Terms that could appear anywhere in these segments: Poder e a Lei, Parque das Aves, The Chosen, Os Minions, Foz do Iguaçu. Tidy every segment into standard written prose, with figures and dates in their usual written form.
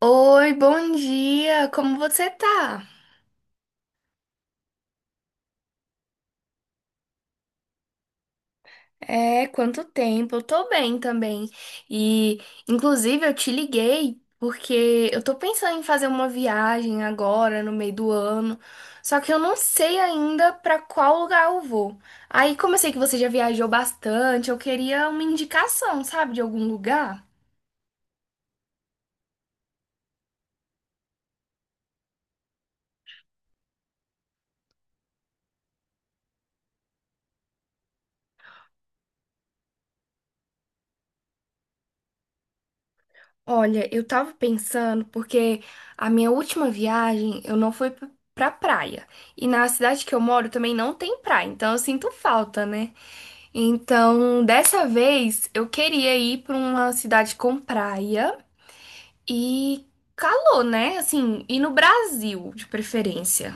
Oi, bom dia! Como você tá? É, quanto tempo? Eu tô bem também. E, inclusive, eu te liguei porque eu tô pensando em fazer uma viagem agora, no meio do ano, só que eu não sei ainda pra qual lugar eu vou. Aí, como eu sei que você já viajou bastante, eu queria uma indicação, sabe, de algum lugar? Olha, eu tava pensando porque a minha última viagem eu não fui p- pra praia. E na cidade que eu moro também não tem praia, então eu sinto falta, né? Então, dessa vez eu queria ir pra uma cidade com praia e calor, né? Assim, e no Brasil, de preferência.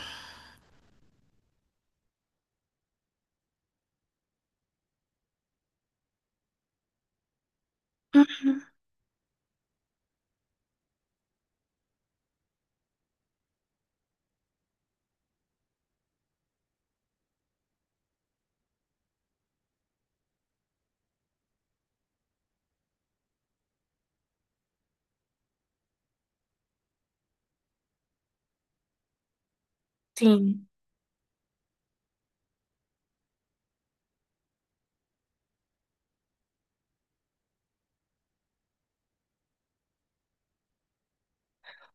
Sim.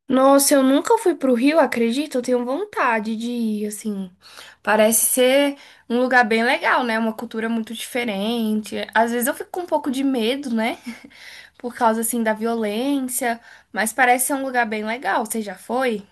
Nossa, eu nunca fui pro Rio, acredito. Eu tenho vontade de ir, assim. Parece ser um lugar bem legal, né? Uma cultura muito diferente. Às vezes eu fico com um pouco de medo, né? Por causa, assim, da violência. Mas parece ser um lugar bem legal. Você já foi?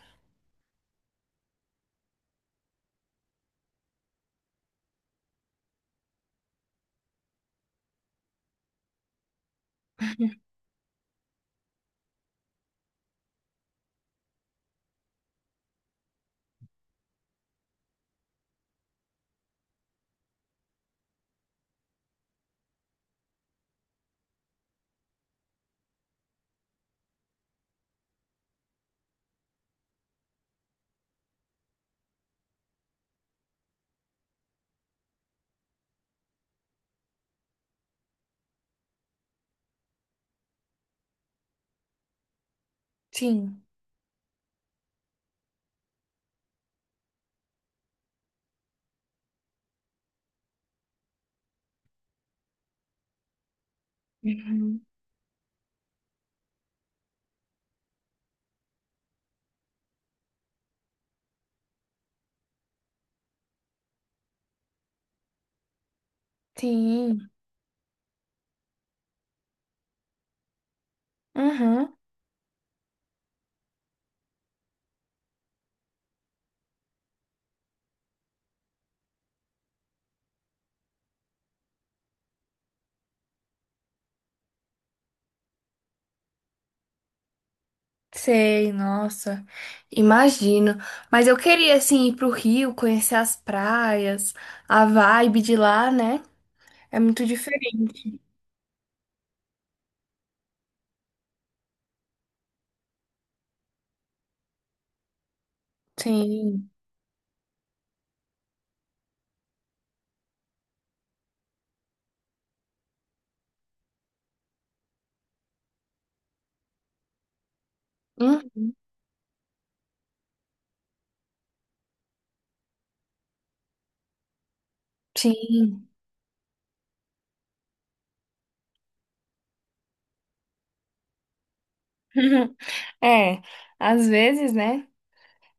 Sim. Uhum. Sim. Uhum. Sei, nossa, imagino. Mas eu queria, assim, ir pro Rio, conhecer as praias, a vibe de lá, né? É muito diferente. Sim. Uhum. Sim. É, às vezes, né?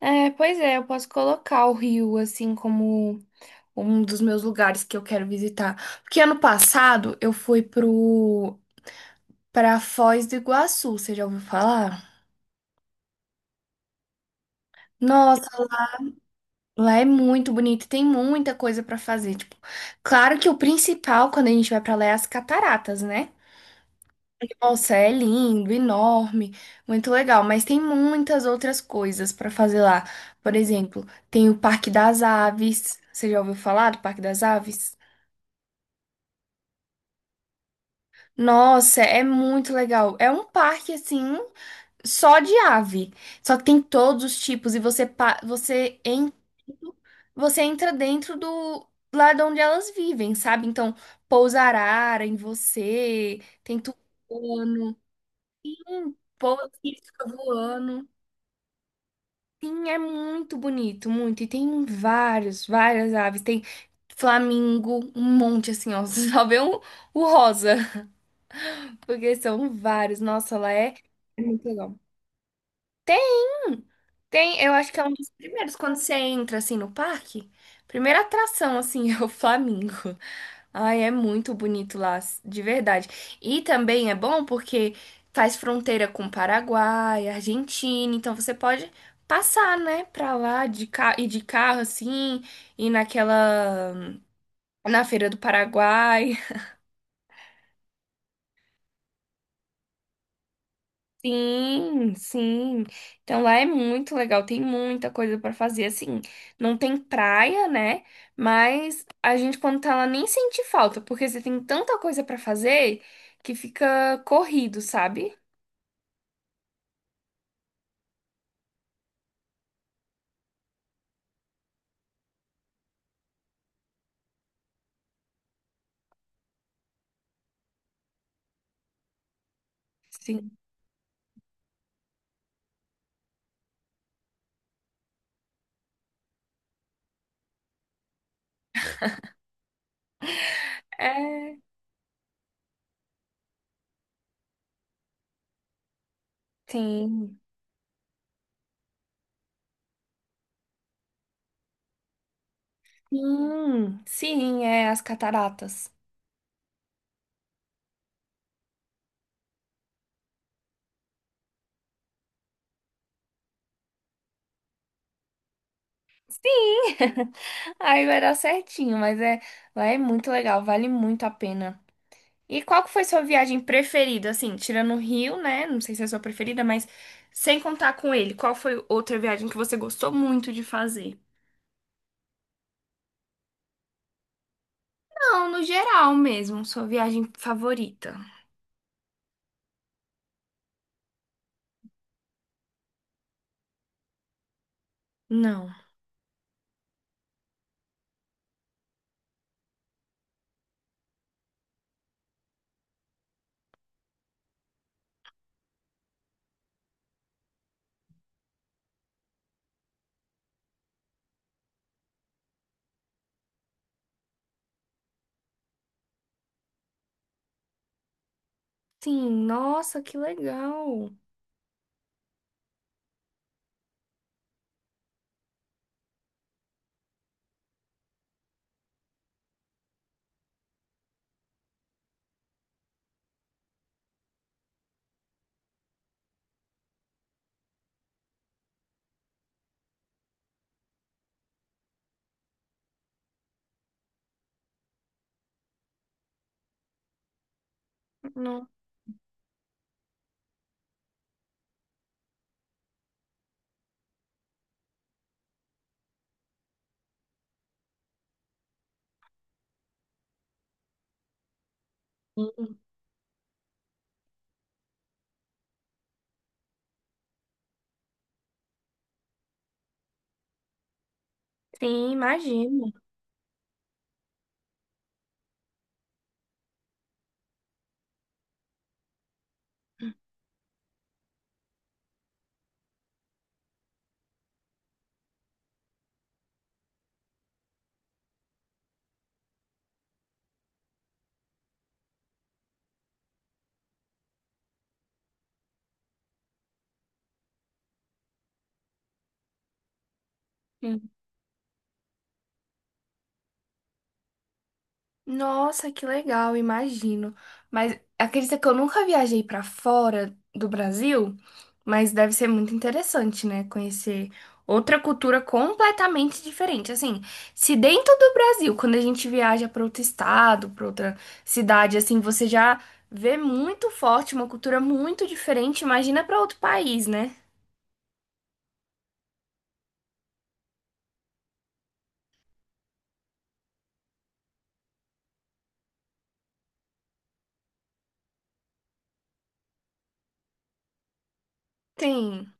É, pois é, eu posso colocar o Rio assim como um dos meus lugares que eu quero visitar. Porque ano passado eu fui pro para Foz do Iguaçu, você já ouviu falar? Nossa, lá é muito bonito, tem muita coisa pra fazer, tipo, claro que o principal quando a gente vai pra lá é as cataratas, né? Nossa, é lindo, enorme, muito legal, mas tem muitas outras coisas para fazer lá. Por exemplo, tem o Parque das Aves. Você já ouviu falar do Parque das Aves? Nossa, é muito legal. É um parque assim, só de ave. Só que tem todos os tipos e você entra dentro do lá de onde elas vivem, sabe? Então, pousa arara em você, tem tucano, pousa que fica voando. Sim, é muito bonito, muito. E tem várias aves. Tem flamingo, um monte assim, ó. Você só vê um, o rosa, porque são vários. Nossa, lá é muito legal. Tem? Tem, eu acho que é um dos primeiros quando você entra assim no parque. Primeira atração assim é o Flamingo. Ai, é muito bonito lá, de verdade. E também é bom porque faz fronteira com Paraguai, Argentina, então você pode passar, né, pra lá de carro e de carro assim, e naquela na Feira do Paraguai. Sim, sim. Então lá é muito legal, tem muita coisa pra fazer. Assim, não tem praia, né? Mas a gente, quando tá lá, nem sente falta, porque você tem tanta coisa pra fazer que fica corrido, sabe? Sim. É, tem. Sim, sim, é as cataratas. Sim, aí vai dar certinho, mas é, lá é muito legal, vale muito a pena. E qual que foi sua viagem preferida, assim, tirando o Rio, né? Não sei se é a sua preferida, mas sem contar com ele, qual foi outra viagem que você gostou muito de fazer? Não, no geral mesmo, sua viagem favorita. Não. Sim, nossa, que legal. Não. Sim, sim, imagino. Nossa, que legal, imagino. Mas acredita que eu nunca viajei pra fora do Brasil, mas deve ser muito interessante, né? Conhecer outra cultura completamente diferente. Assim, se dentro do Brasil, quando a gente viaja pra outro estado, pra outra cidade, assim, você já vê muito forte uma cultura muito diferente, imagina pra outro país, né? Tem.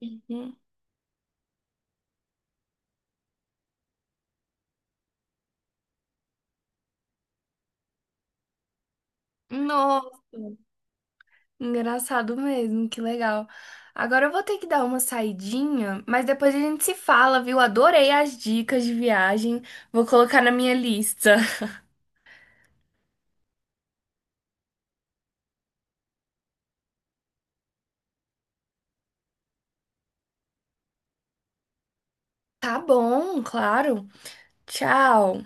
Uhum. Engraçado mesmo, que legal. Agora eu vou ter que dar uma saidinha, mas depois a gente se fala, viu? Adorei as dicas de viagem. Vou colocar na minha lista. Tá bom, claro. Tchau.